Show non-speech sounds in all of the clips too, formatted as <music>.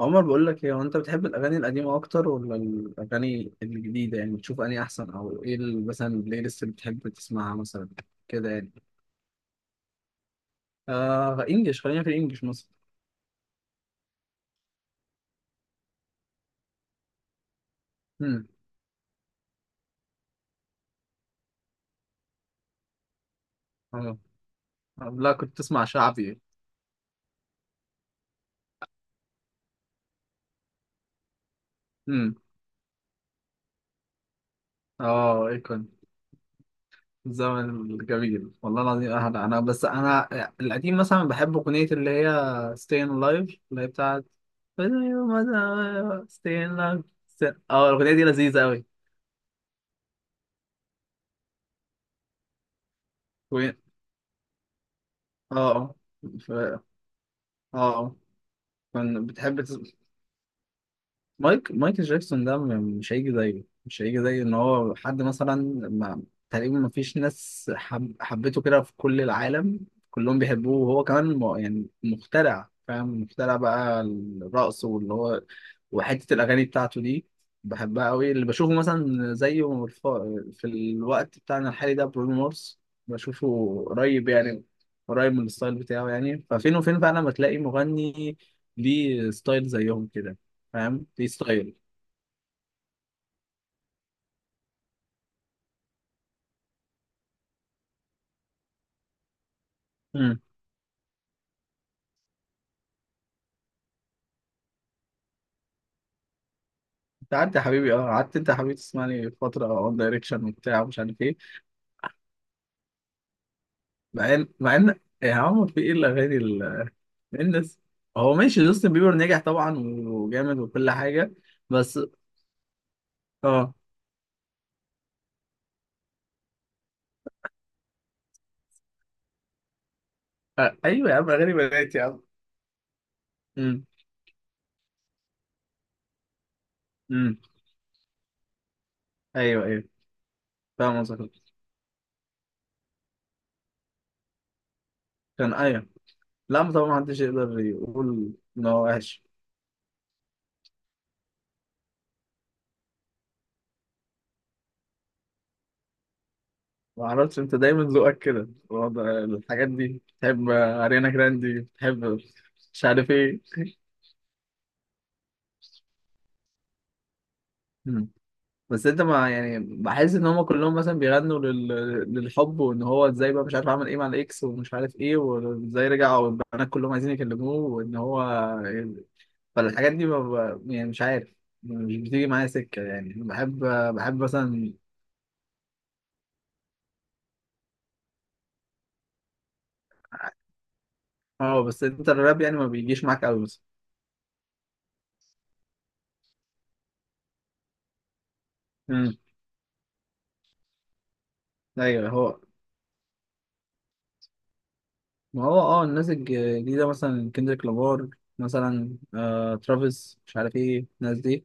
عمر، بقول لك ايه؟ هو انت بتحب الاغاني القديمه اكتر ولا الاغاني الجديده؟ يعني بتشوف اني احسن او ايه مثلا البلاي ليست اللي بتحب تسمعها مثلا كده يعني؟ آه، انجلش، خلينا في الانجليش مثلا. امم اه، لا، كنت تسمع شعبي؟ امم اه، ايه كنت؟ الزمن الجميل والله العظيم. اهلا، انا القديم مثلا بحب اغنيه اللي هي staying alive، اللي هي بتاعت staying alive. اه، الاغنيه دي لذيذه قوي. اه، اه، ف- اه كان بتحب مايكل جاكسون ده مش هيجي زيه، مش هيجي زي ان هو حد مثلا. ما تقريبا ما فيش ناس حبته كده في كل العالم. كلهم بيحبوه، وهو كمان يعني مخترع، فاهم، مخترع بقى الرقص واللي هو. وحتة الأغاني بتاعته دي بحبها قوي. اللي بشوفه مثلا زيه في الوقت بتاعنا الحالي ده برونو مارس. بشوفه قريب يعني، قريب من الستايل بتاعه يعني. ففين وفين فعلا ما تلاقي مغني ليه ستايل زيهم كده. فاهم؟ دي ستايل. امم انت قعدت يا حبيبي، اه قعدت، انت يا حبيبي تسمعني فتره اون دايركشن وبتاع ومش عارف ايه. مع ان يا عم، في ايه الاغاني الناس. هو ماشي، جاستن بيبر نجح طبعا وجامد وكل حاجه، بس. اه. آه، ايوه يا عم، اغاني بنات يا عم. امم امم ايوه، ايوه، فاهم قصدك. كان، ايوه. لا، ما طبعا محدش يقدر يقول ان هو وحش. ما اعرفش، انت دايما ذوقك كده الحاجات دي. تحب اريانا جراندي، تحب مش عارف ايه. مم. بس انت، ما يعني، بحس ان هم كلهم مثلا بيغنوا للحب، وان هو ازاي بقى مش عارف عمل ايه مع الاكس ومش عارف ايه وازاي رجع والبنات كلهم عايزين يكلموه وان هو. فالحاجات دي ما يعني مش عارف، مش بتيجي معايا سكة. يعني بحب، بحب مثلا. اه، بس انت الراب يعني ما بيجيش معاك قوي مثلا. امم ايوه هو، ما هو الناس الجديدة مثلا كندريك لامار. مثلا ترافيس، مش عارف ايه الناس دي.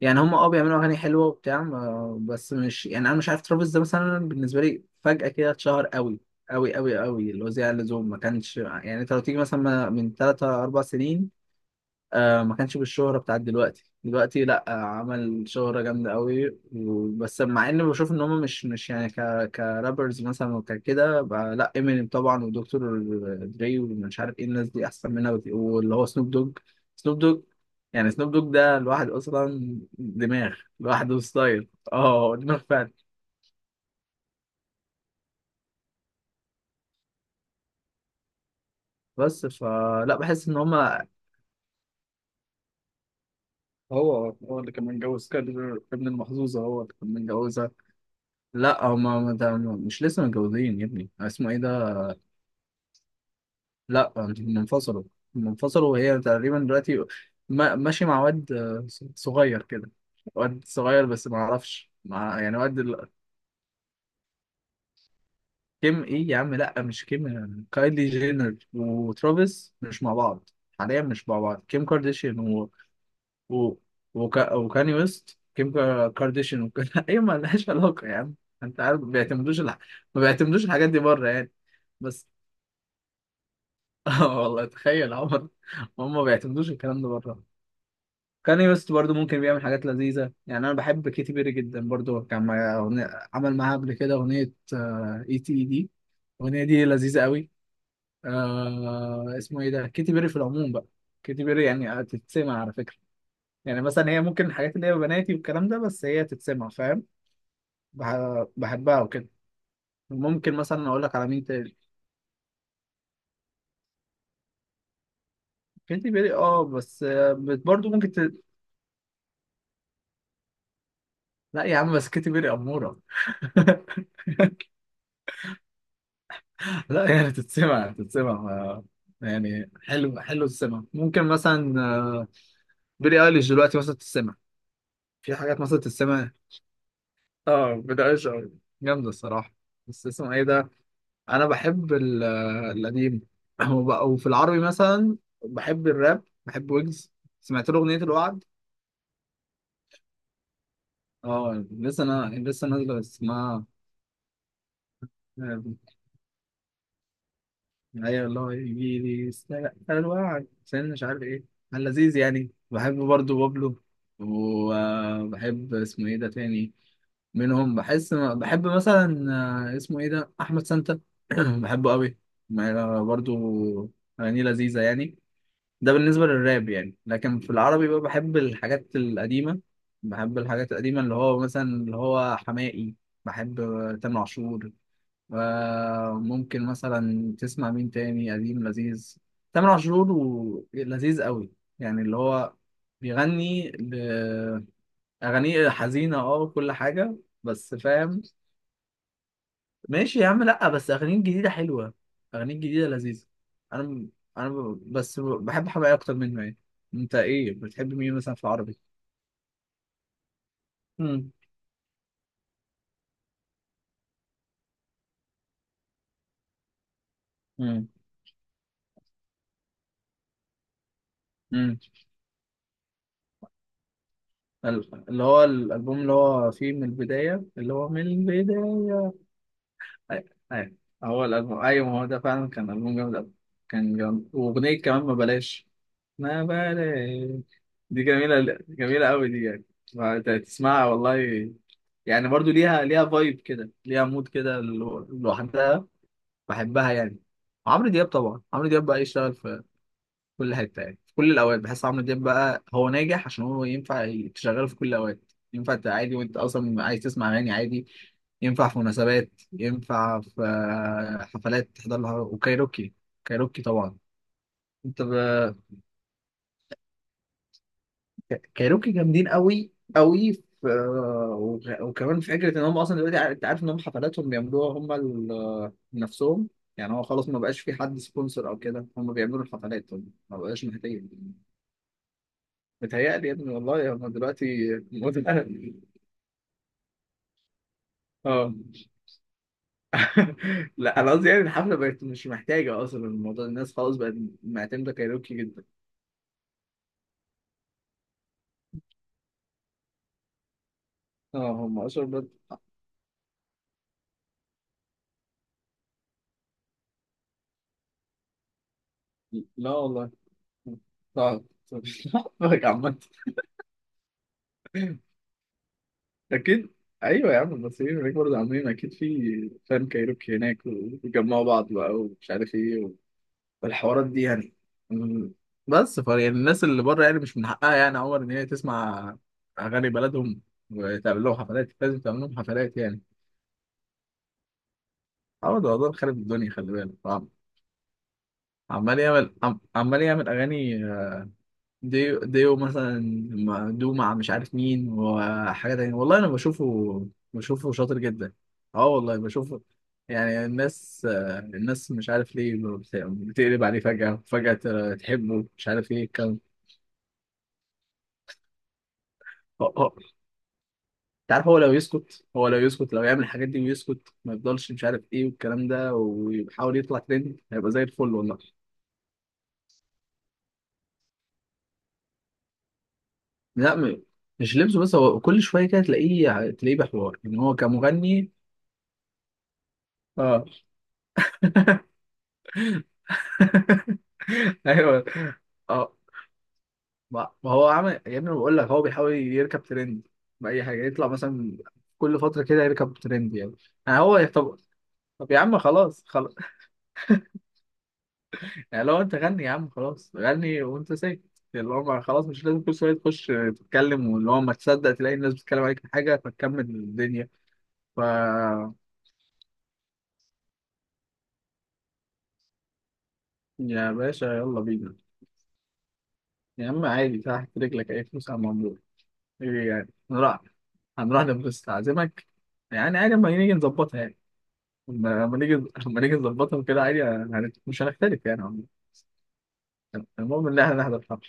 يعني هم بيعملوا اغاني حلوه وبتاع بس مش يعني، انا مش عارف، ترافيس ده مثلا بالنسبه لي فجاه كده اتشهر قوي قوي قوي قوي. اللي هو زيادة عن اللزوم. ما كانش يعني، انت لو تيجي مثلا من 3 4 سنين ما كانش بالشهرة بتاعت دلوقتي. دلوقتي لا، عمل شهرة جامدة قوي بس مع اني بشوف ان هم مش يعني كرابرز مثلا وكده لا، امينيم طبعا ودكتور دري ومش عارف ايه الناس دي احسن منها واللي هو سنوب دوج. سنوب دوج. يعني سنوب دوج ده الواحد اصلا دماغ لوحده، ستايل. اه، دماغ فعلا. بس فلا، بحس ان هم. هو اللي كان متجوز، كان ابن المحظوظة هو اللي كان متجوزها. لا هما ما، ده مش لسه متجوزين يا ابني، اسمه ايه ده. لا، هم انفصلوا. هم انفصلوا، وهي تقريبا دلوقتي ماشي مع واد صغير كده. واد صغير، بس ما اعرفش مع يعني، واد كيم ايه يا عم، لا مش كيم. كايلي جينر وترافيس مش مع بعض حاليا، مش مع بعض. كيم كارديشيان و... وكاني ويست. كيم كارديشيان وكده. <laughs> ايه، ما لهاش <laughs> علاقة يا عم. انت عارف، ما بيعتمدوش الحاجات دي بره يعني. بس اه والله تخيل عمر، هم ما بيعتمدوش الكلام ده بره. كاني ويست برضو ممكن بيعمل حاجات لذيذة يعني. أنا بحب كيتي بيري جدا برضو. كان معايا عمل معاها قبل كده أغنية اي تي اي دي. الأغنية دي لذيذة قوي. اسمه ايه ده. كيتي بيري في العموم بقى، كيتي بيري يعني تتسمع على فكرة. يعني مثلا هي ممكن الحاجات اللي هي بناتي والكلام ده، بس هي تتسمع. فاهم؟ بحبها وكده. ممكن مثلا أقول لك على مين تاني. كيتي بيري، اه بس برضو ممكن لا يا عم، بس كيتي بيري أمورة. <laughs> لا يعني تتسمع، يعني حلو حلو تتسمع. ممكن مثلا بيلي ايليش دلوقتي مثلا تتسمع، في حاجات مثلا تتسمع. اه بيلي ايليش أوي. جامدة الصراحة. بس اسمه ايه ده. انا بحب القديم. <laughs> وفي العربي مثلا بحب الراب، بحب ويجز. سمعت له اغنية الوعد. اه، لسه. انا لسه نازلة اسمها. ايوه والله، يجي لي استنى الوعد عشان مش عارف ايه. كان لذيذ يعني. بحب برضو بابلو. وبحب اسمه ايه ده تاني، منهم بحس بحب مثلا اسمه ايه ده احمد سانتا. <clears throat> بحبه قوي. برضو اغانيه لذيذه يعني. ده بالنسبه للراب يعني. لكن في العربي بقى بحب الحاجات القديمه. بحب الحاجات القديمه اللي هو مثلا اللي هو حماقي. بحب تامر عاشور. ممكن مثلا تسمع مين تاني قديم لذيذ، تامر عاشور لذيذ قوي. يعني اللي هو بيغني أغانيه حزينة، اه وكل حاجة، بس فاهم. ماشي يا عم. لأ بس أغانيه الجديدة حلوة، أغانيه الجديدة لذيذة. أنا م- أنا بس بحب حماقي أكتر منه يعني. أنت إيه بتحب مين مثلا في العربي؟ مم. مم. مم. اللي هو الألبوم، اللي هو فيه من البداية، اللي هو من البداية. ايوه، ايوه. هو الالبوم، ايوه، ما هو ده فعلا كان البوم جامد قوي. كان جامد. واغنيه كمان، ما بلاش، ما بلاش. دي جميله جميله قوي دي يعني. فأنت تسمعها والله. يعني برضو ليها، فايب كده، ليها مود كده لوحدها. بحبها يعني. عمرو دياب طبعا، عمرو دياب بقى يشتغل في كل حته يعني، في كل الاوقات. بحس عمرو دياب بقى هو ناجح عشان هو ينفع تشغله في كل الاوقات. ينفع عادي وانت اصلا عايز تسمع اغاني عادي، ينفع في مناسبات، ينفع في حفلات تحضر لها. وكايروكي، كايروكي طبعا. انت كايروكي جامدين قوي قوي وكمان في فكره ان هم اصلا دلوقتي انت عارف ان هم حفلاتهم بيعملوها هم نفسهم. يعني هو خلاص ما بقاش في حد سبونسر او كده، هم بيعملوا الحفلات هم، ما بقاش محتاجين. متهيألي يا ابني، والله هم دلوقتي موت الأهل. اه. <laughs> لا انا قصدي يعني الحفله بقت مش محتاجه اصلا الموضوع، الناس خلاص بقت معتمده كايروكي جدا. اه، هم اشهر بقت. لا والله، صعب صعب. <laughs> عامة. اكيد، ايوه يا عم، المصريين هناك برضه عاملين اكيد في فان كايروكي هناك وبيجمعوا بعض بقى ومش عارف ايه والحوارات دي يعني. مم. بس يعني الناس اللي بره يعني مش من حقها يعني يا عمر ان هي تسمع اغاني بلدهم، وتعمل لهم حفلات، لازم تعمل لهم حفلات يعني. عمر ده والله خارب الدنيا. خلي بالك عمال يعمل اغاني ديو، ديو مثلا، دو مع مش عارف مين وحاجه تانية. والله انا بشوفه، بشوفه شاطر جدا. اه والله بشوفه. يعني الناس مش عارف ليه بتقلب عليه فجأة فجأة تحبه مش عارف ايه الكلام. عارف، هو لو يسكت، هو لو يسكت، لو يعمل الحاجات دي ويسكت ما يفضلش مش عارف ايه والكلام ده ويحاول يطلع ترند، هيبقى زي الفل والله. لا مش لبسه بس، هو كل شويه كده تلاقيه، تلاقيه بحوار ان هو كمغني. اه. <laughs> ايوه. اه. ما هو عمل يا ابني، بقول لك هو بيحاول يركب ترند بأي حاجه يطلع مثلا، كل فتره كده يركب ترند يعني. يعني هو. طب طب يا عم، خلاص خلاص. يعني لو انت غني يا عم، خلاص غني وانت ساكت. اللي هو خلاص مش لازم كل شويه تخش تتكلم، واللي هو ما تصدق تلاقي الناس بتتكلم عليك في حاجه فتكمل الدنيا ف يا باشا يلا بينا. يا عم عادي، تحت رجلك اي فلوس على الموضوع. ايه يعني؟ هنروح، هنروح نبص تعزمك يعني عادي. اما نيجي نظبطها يعني، اما نيجي، اما نيجي نظبطها كده عادي. مش هنختلف يعني عموماً. المهم ان احنا نحضر الحفله.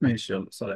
ماشي يلا سلام.